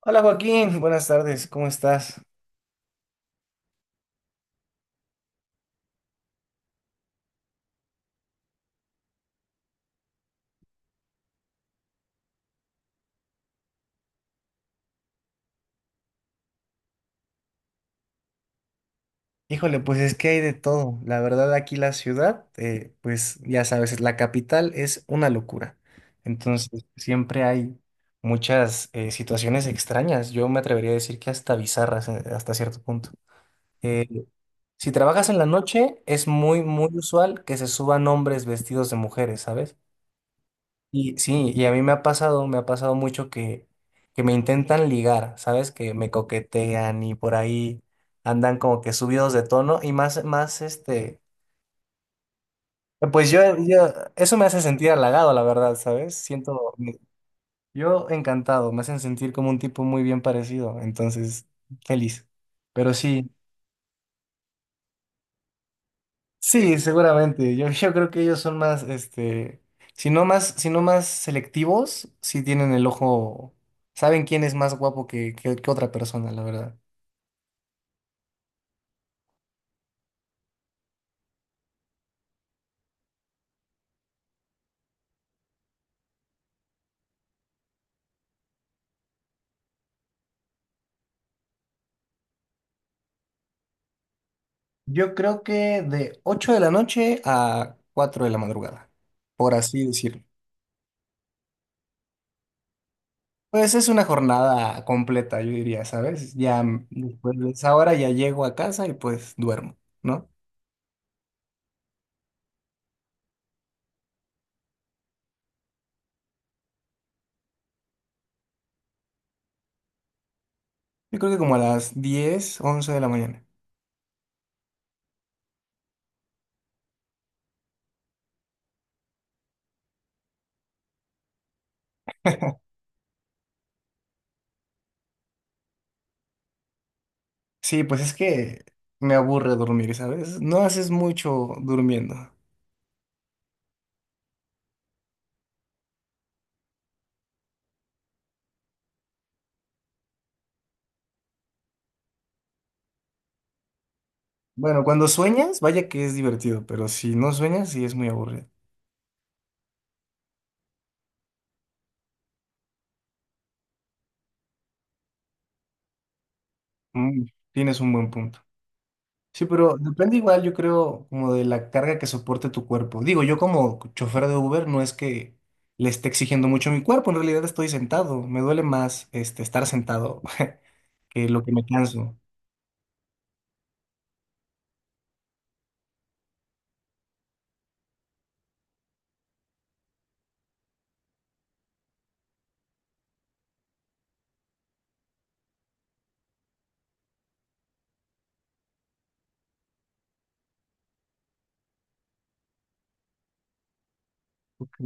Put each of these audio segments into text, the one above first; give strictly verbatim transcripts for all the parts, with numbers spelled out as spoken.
Hola Joaquín, buenas tardes, ¿cómo estás? Híjole, pues es que hay de todo. La verdad, aquí la ciudad, eh, pues ya sabes, la capital es una locura. Entonces, siempre hay muchas eh, situaciones extrañas. Yo me atrevería a decir que hasta bizarras eh, hasta cierto punto. Eh, si trabajas en la noche, es muy, muy usual que se suban hombres vestidos de mujeres, ¿sabes? Y sí, y a mí me ha pasado, me ha pasado mucho que, que me intentan ligar, ¿sabes? Que me coquetean y por ahí andan como que subidos de tono y más, más este, Pues yo, yo, eso me hace sentir halagado, la verdad, ¿sabes? Siento, me- yo encantado, me hacen sentir como un tipo muy bien parecido, entonces, feliz. Pero sí. Sí, seguramente. Yo, yo creo que ellos son más, este, si no más, Si no más selectivos, sí tienen el ojo, saben quién es más guapo que, que- que otra persona, la verdad. Yo creo que de ocho de la noche a cuatro de la madrugada, por así decirlo. Pues es una jornada completa, yo diría, ¿sabes? Ya, mm, después de esa hora ya llego a casa y pues duermo, ¿no? Yo creo que como a las diez once de la mañana. Sí, pues es que me aburre dormir, ¿sabes? No haces mucho durmiendo. Bueno, cuando sueñas, vaya que es divertido, pero si no sueñas, sí es muy aburrido. Mm, tienes un buen punto. Sí, pero depende igual, yo creo, como de la carga que soporte tu cuerpo. Digo, yo como chofer de Uber no es que le esté exigiendo mucho a mi cuerpo, en realidad estoy sentado. Me duele más este, estar sentado que lo que me canso. Ok,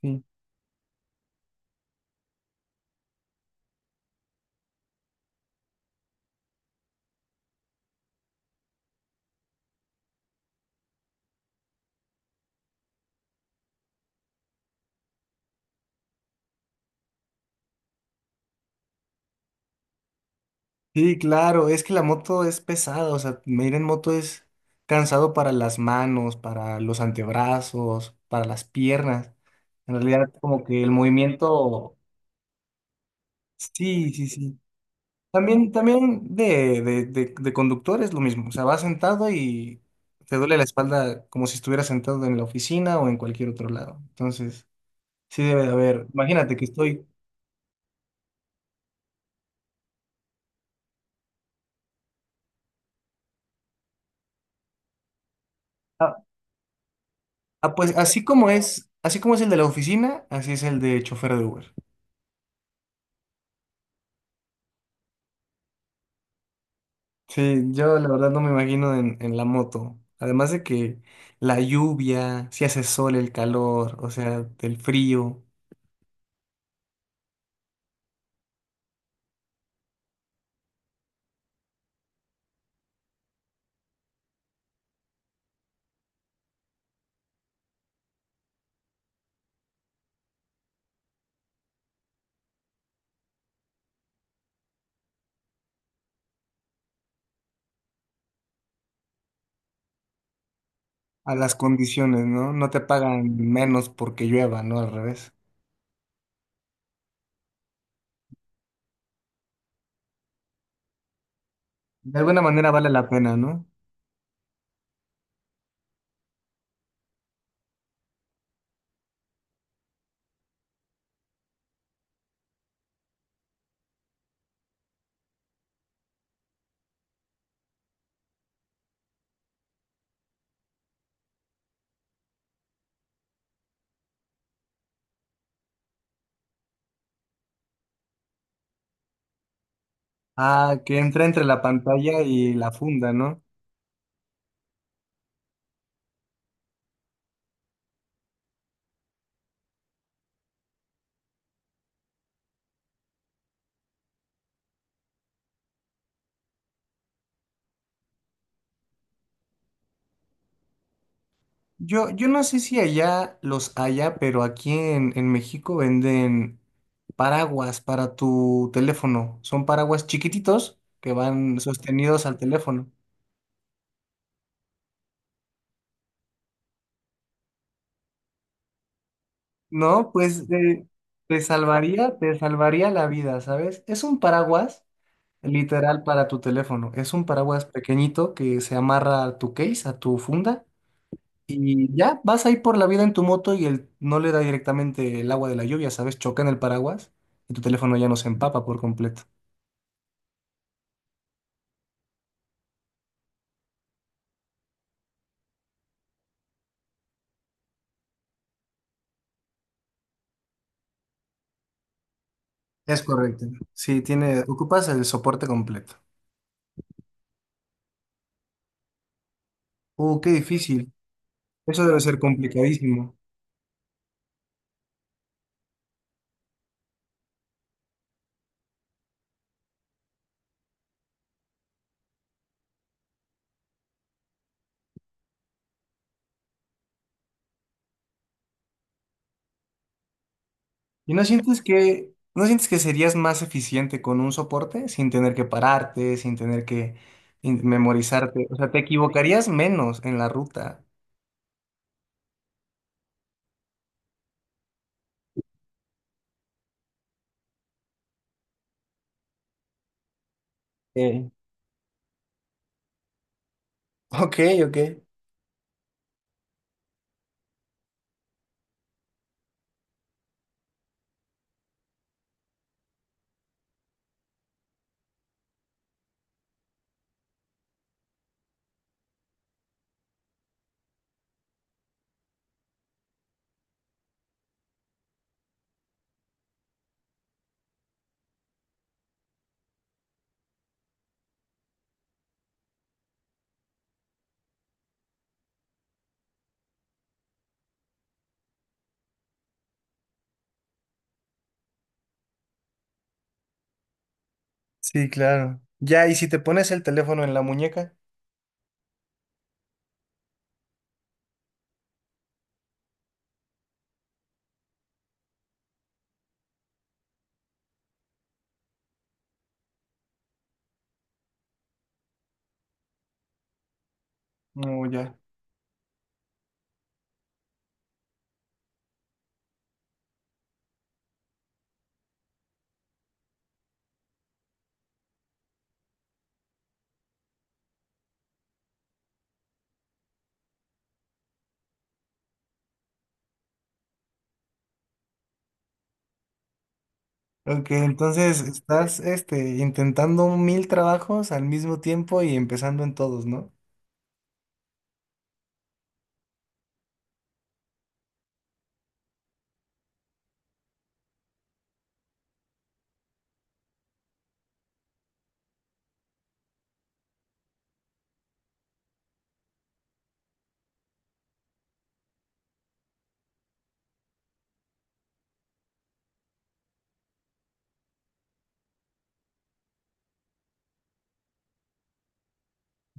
sí. Sí, claro, es que la moto es pesada, o sea, ir en moto es cansado para las manos, para los antebrazos, para las piernas. En realidad, como que el movimiento, sí, sí, sí. También, también de, de, de, de conductor es lo mismo, o sea, vas sentado y te duele la espalda como si estuvieras sentado en la oficina o en cualquier otro lado. Entonces, sí debe de haber. Imagínate que estoy, ah, ah, pues así como es, así como es el de la oficina, así es el de chofer de Uber. Sí, yo la verdad no me imagino en, en la moto. Además de que la lluvia, si hace sol, el calor, o sea, el frío, a las condiciones, ¿no? No te pagan menos porque llueva, ¿no? Al revés. De alguna manera vale la pena, ¿no? Ah, que entra entre la pantalla y la funda, ¿no? Yo, yo no sé si allá los haya, pero aquí en, en México venden paraguas para tu teléfono. Son paraguas chiquititos que van sostenidos al teléfono. No, pues eh, te salvaría, te salvaría la vida, ¿sabes? Es un paraguas literal para tu teléfono. Es un paraguas pequeñito que se amarra a tu case, a tu funda, y ya vas ahí por la vida en tu moto y el, no le da directamente el agua de la lluvia, ¿sabes? Choca en el paraguas y tu teléfono ya no se empapa por completo. Es correcto. Sí, tiene, ocupas el soporte completo. Uh, qué difícil. Eso debe ser complicadísimo. ¿Y no sientes que, no sientes que serías más eficiente con un soporte sin tener que pararte, sin tener que in- memorizarte? O sea, te equivocarías menos en la ruta. Eh, Ok, ok. Sí, claro. Ya, ¿y si te pones el teléfono en la muñeca? No, ya. Ok, entonces estás este, intentando mil trabajos al mismo tiempo y empezando en todos, ¿no?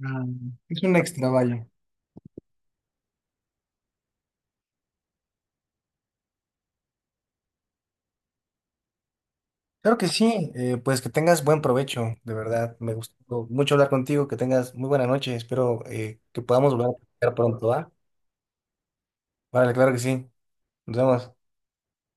Ah, es un extravallo. Claro que sí, eh, pues que tengas buen provecho, de verdad. Me gustó mucho hablar contigo, que tengas muy buena noche. Espero eh, que podamos volver a platicar pronto, ¿va? Vale, claro que sí. Nos vemos.